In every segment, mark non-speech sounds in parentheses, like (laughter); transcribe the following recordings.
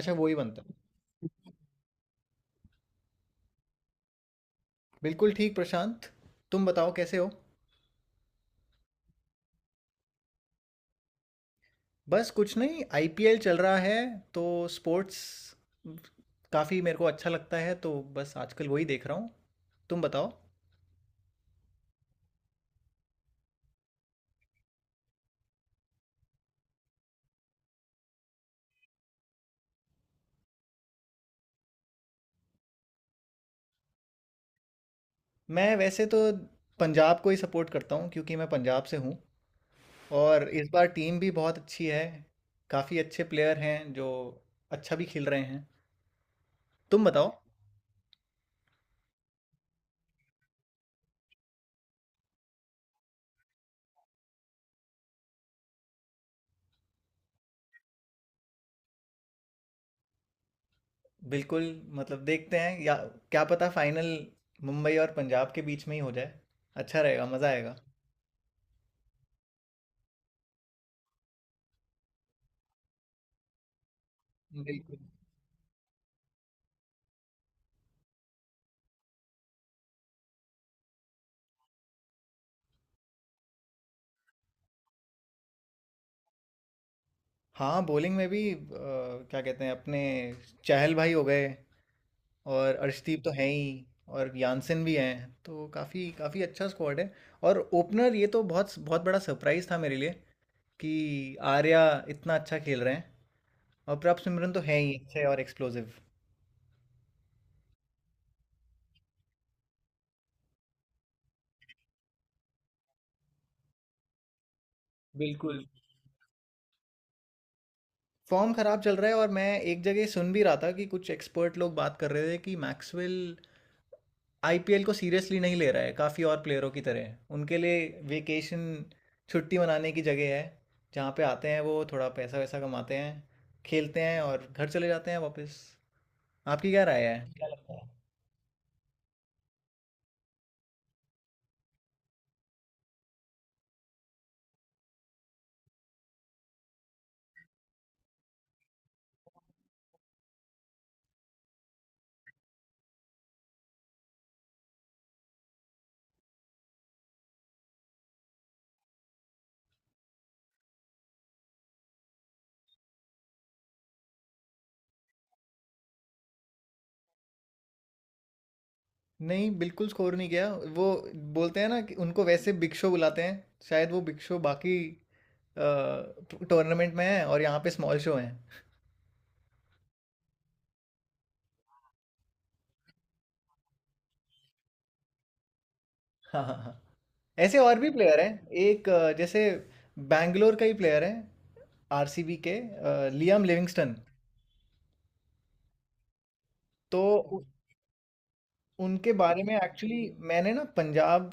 अच्छा वो ही बनता है। बिल्कुल ठीक प्रशांत। तुम बताओ कैसे हो। बस कुछ नहीं, आईपीएल चल रहा है तो स्पोर्ट्स काफ़ी मेरे को अच्छा लगता है तो बस आजकल वही देख रहा हूँ। तुम बताओ। मैं वैसे तो पंजाब को ही सपोर्ट करता हूँ क्योंकि मैं पंजाब से हूँ। और इस बार टीम भी बहुत अच्छी है। काफ़ी अच्छे प्लेयर हैं जो अच्छा भी खेल रहे हैं। तुम बताओ। बिल्कुल। मतलब देखते हैं या, क्या पता फाइनल मुंबई और पंजाब के बीच में ही हो जाए, अच्छा रहेगा, मज़ा आएगा। बिल्कुल। हाँ, बॉलिंग में भी क्या कहते हैं अपने चहल भाई हो गए, और अर्शदीप तो हैं ही और यानसेन भी हैं, तो काफ़ी काफ़ी अच्छा स्क्वाड है। और ओपनर ये तो बहुत बहुत बड़ा सरप्राइज़ था मेरे लिए कि आर्या इतना अच्छा खेल रहे हैं। और प्रभ सिमरन तो हैं ही अच्छे और एक्सप्लोसिव। बिल्कुल। फॉर्म खराब चल रहा है, और मैं एक जगह सुन भी रहा था कि कुछ एक्सपर्ट लोग बात कर रहे थे कि मैक्सवेल आईपीएल को सीरियसली नहीं ले रहा है, काफ़ी और प्लेयरों की तरह उनके लिए वेकेशन, छुट्टी मनाने की जगह है, जहाँ पे आते हैं वो थोड़ा पैसा वैसा कमाते हैं, खेलते हैं और घर चले जाते हैं वापस। आपकी क्या राय है, क्या लगता है? नहीं, बिल्कुल स्कोर नहीं किया। वो बोलते हैं ना कि उनको वैसे बिग शो बुलाते हैं, शायद वो बिग शो बाकी टूर्नामेंट में है और यहाँ पे स्मॉल शो है। (laughs) हाँ हाँ हाँ। ऐसे और भी प्लेयर हैं, एक जैसे बैंगलोर का ही प्लेयर है आरसीबी के, लियाम लिविंगस्टन। तो उ- उनके बारे में एक्चुअली मैंने ना पंजाब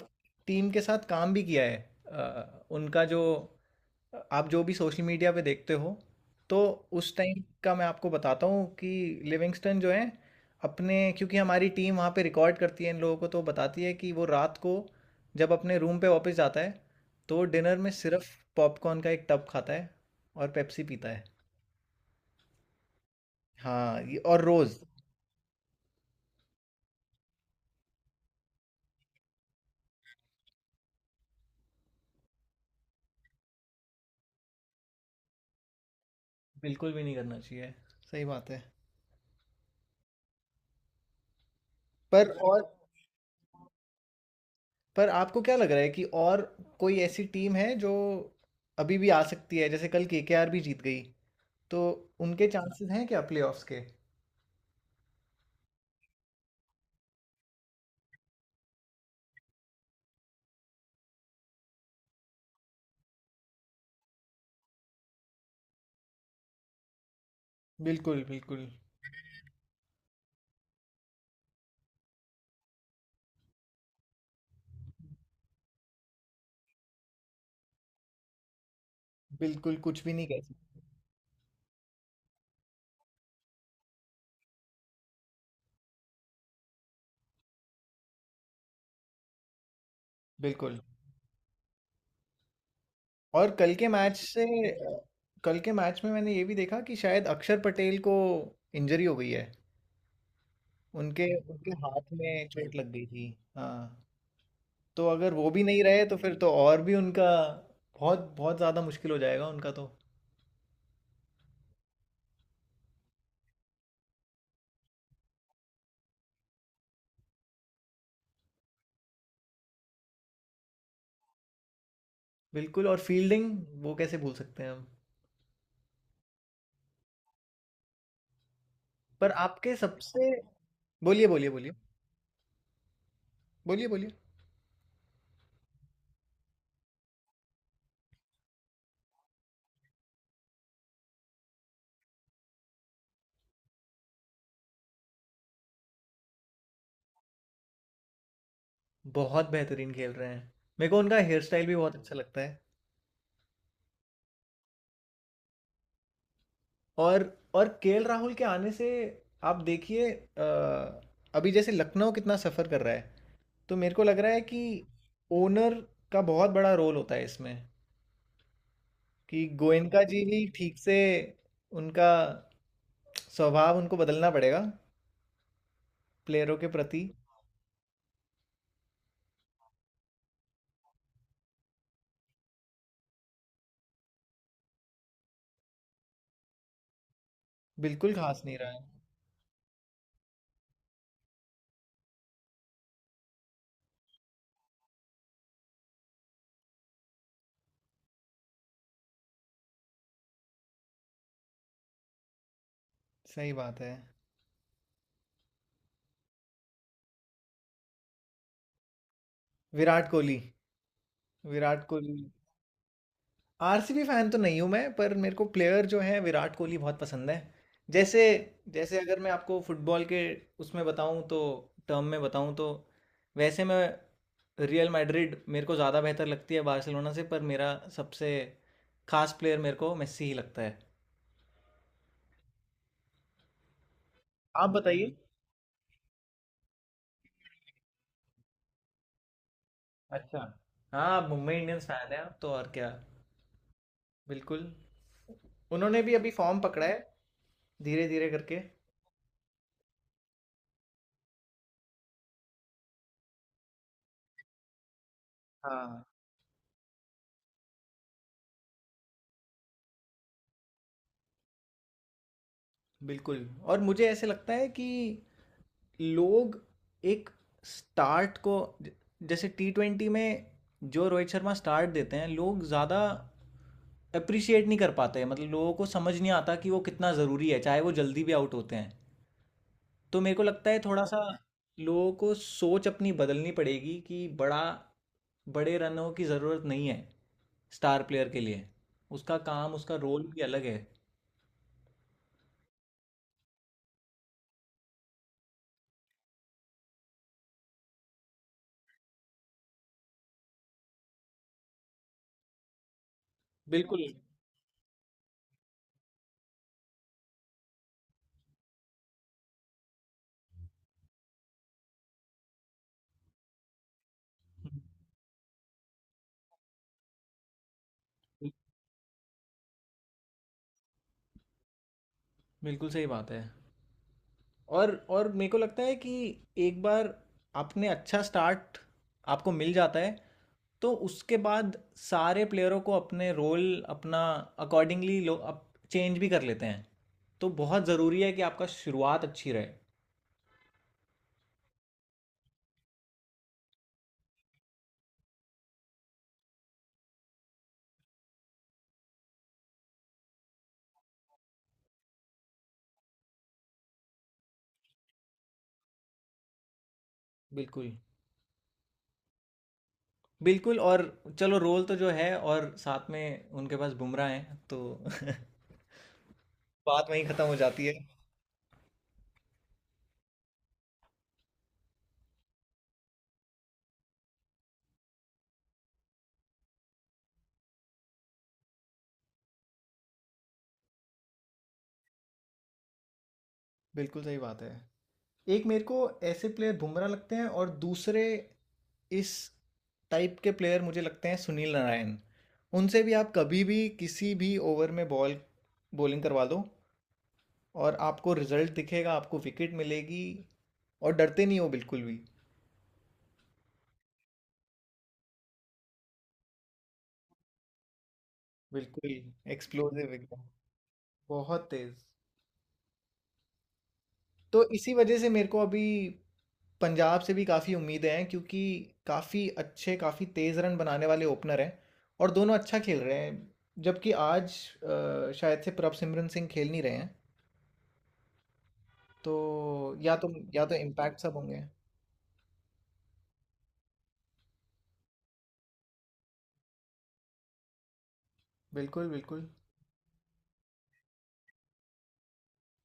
टीम के साथ काम भी किया है। उनका जो, आप जो भी सोशल मीडिया पे देखते हो, तो उस टाइम का मैं आपको बताता हूँ कि लिविंगस्टन जो है अपने, क्योंकि हमारी टीम वहाँ पे रिकॉर्ड करती है इन लोगों को, तो बताती है कि वो रात को जब अपने रूम पे वापस जाता है तो डिनर में सिर्फ पॉपकॉर्न का एक टब खाता है और पेप्सी पीता है। हाँ, ये और रोज़। बिल्कुल भी नहीं करना चाहिए, सही बात है। पर और पर आपको क्या लग रहा है कि और कोई ऐसी टीम है जो अभी भी आ सकती है, जैसे कल केकेआर भी जीत गई, तो उनके चांसेस हैं क्या प्लेऑफ्स के? बिल्कुल बिल्कुल। बिल्कुल कुछ भी नहीं कह सकते। बिल्कुल। और कल के मैच से, अ, कल के मैच में मैंने ये भी देखा कि शायद अक्षर पटेल को इंजरी हो गई है, उनके, उनके हाथ में चोट लग गई थी। हाँ, तो अगर वो भी नहीं रहे तो फिर तो और भी उनका बहुत बहुत ज़्यादा मुश्किल हो जाएगा उनका तो। बिल्कुल। और फील्डिंग, वो कैसे भूल सकते हैं हम। पर आपके सबसे, बोलिए, बोलिए, बोलिए। बोलिए, बोलिए। बहुत बेहतरीन खेल रहे हैं। मेरे को उनका हेयर स्टाइल भी बहुत अच्छा लगता है। और और केएल राहुल के आने से आप देखिए, अभी जैसे लखनऊ कितना सफ़र कर रहा है, तो मेरे को लग रहा है कि ओनर का बहुत बड़ा रोल होता है इसमें, कि गोयनका जी भी ठीक से, उनका स्वभाव उनको बदलना पड़ेगा प्लेयरों के प्रति। बिल्कुल घास नहीं रहा है। सही बात है। विराट कोहली। विराट कोहली। आरसीबी फैन तो नहीं हूं मैं, पर मेरे को प्लेयर जो है विराट कोहली बहुत पसंद है। जैसे, जैसे अगर मैं आपको फुटबॉल के उसमें बताऊं तो, टर्म में बताऊं तो, वैसे मैं, रियल मैड्रिड मेरे को ज़्यादा बेहतर लगती है बार्सिलोना से, पर मेरा सबसे खास प्लेयर मेरे को मेस्सी ही लगता है। आप बताइए। अच्छा। हाँ, आप मुंबई इंडियंस फैन है आप तो, और क्या। बिल्कुल। उन्होंने भी अभी फॉर्म पकड़ा है धीरे धीरे करके। हाँ। बिल्कुल। और मुझे ऐसे लगता है कि लोग एक स्टार्ट को, ज- जैसे T20 में जो रोहित शर्मा स्टार्ट देते हैं, लोग ज़्यादा अप्रिशिएट नहीं कर पाते हैं। मतलब लोगों को समझ नहीं आता कि वो कितना ज़रूरी है, चाहे वो जल्दी भी आउट होते हैं। तो मेरे को लगता है थोड़ा सा लोगों को सोच अपनी बदलनी पड़ेगी कि बड़ा बड़े रनों की ज़रूरत नहीं है स्टार प्लेयर के लिए, उसका काम, उसका रोल भी अलग है। बिल्कुल बिल्कुल सही बात है। और मेरे को लगता है कि एक बार आपने अच्छा स्टार्ट आपको मिल जाता है, तो उसके बाद सारे प्लेयरों को अपने रोल अपना अकॉर्डिंगली लोग अप चेंज भी कर लेते हैं। तो बहुत ज़रूरी है कि आपका शुरुआत अच्छी रहे। बिल्कुल बिल्कुल। और चलो, रोल तो जो है, और साथ में उनके पास बुमराह हैं तो (laughs) बात वहीं ख़त्म हो जाती है। बिल्कुल सही बात है। एक मेरे को ऐसे प्लेयर बुमराह लगते हैं, और दूसरे इस टाइप के प्लेयर मुझे लगते हैं सुनील नारायण। उनसे भी आप कभी भी किसी भी ओवर में बॉल, बॉलिंग करवा दो और आपको रिजल्ट दिखेगा, आपको विकेट मिलेगी, और डरते नहीं हो बिल्कुल भी। बिल्कुल। एक्सप्लोसिव एकदम। बहुत तेज। तो इसी वजह से मेरे को अभी पंजाब से भी काफ़ी उम्मीदें हैं, क्योंकि काफ़ी अच्छे, काफ़ी तेज़ रन बनाने वाले ओपनर हैं और दोनों अच्छा खेल रहे हैं। जबकि आज शायद से प्रभसिमरन सिंह खेल नहीं रहे हैं, तो या तो या तो इम्पैक्ट सब होंगे। बिल्कुल बिल्कुल।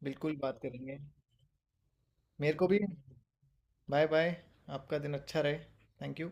बिल्कुल बात करेंगे। मेरे को भी। Bye bye. आपका दिन अच्छा रहे। Thank you.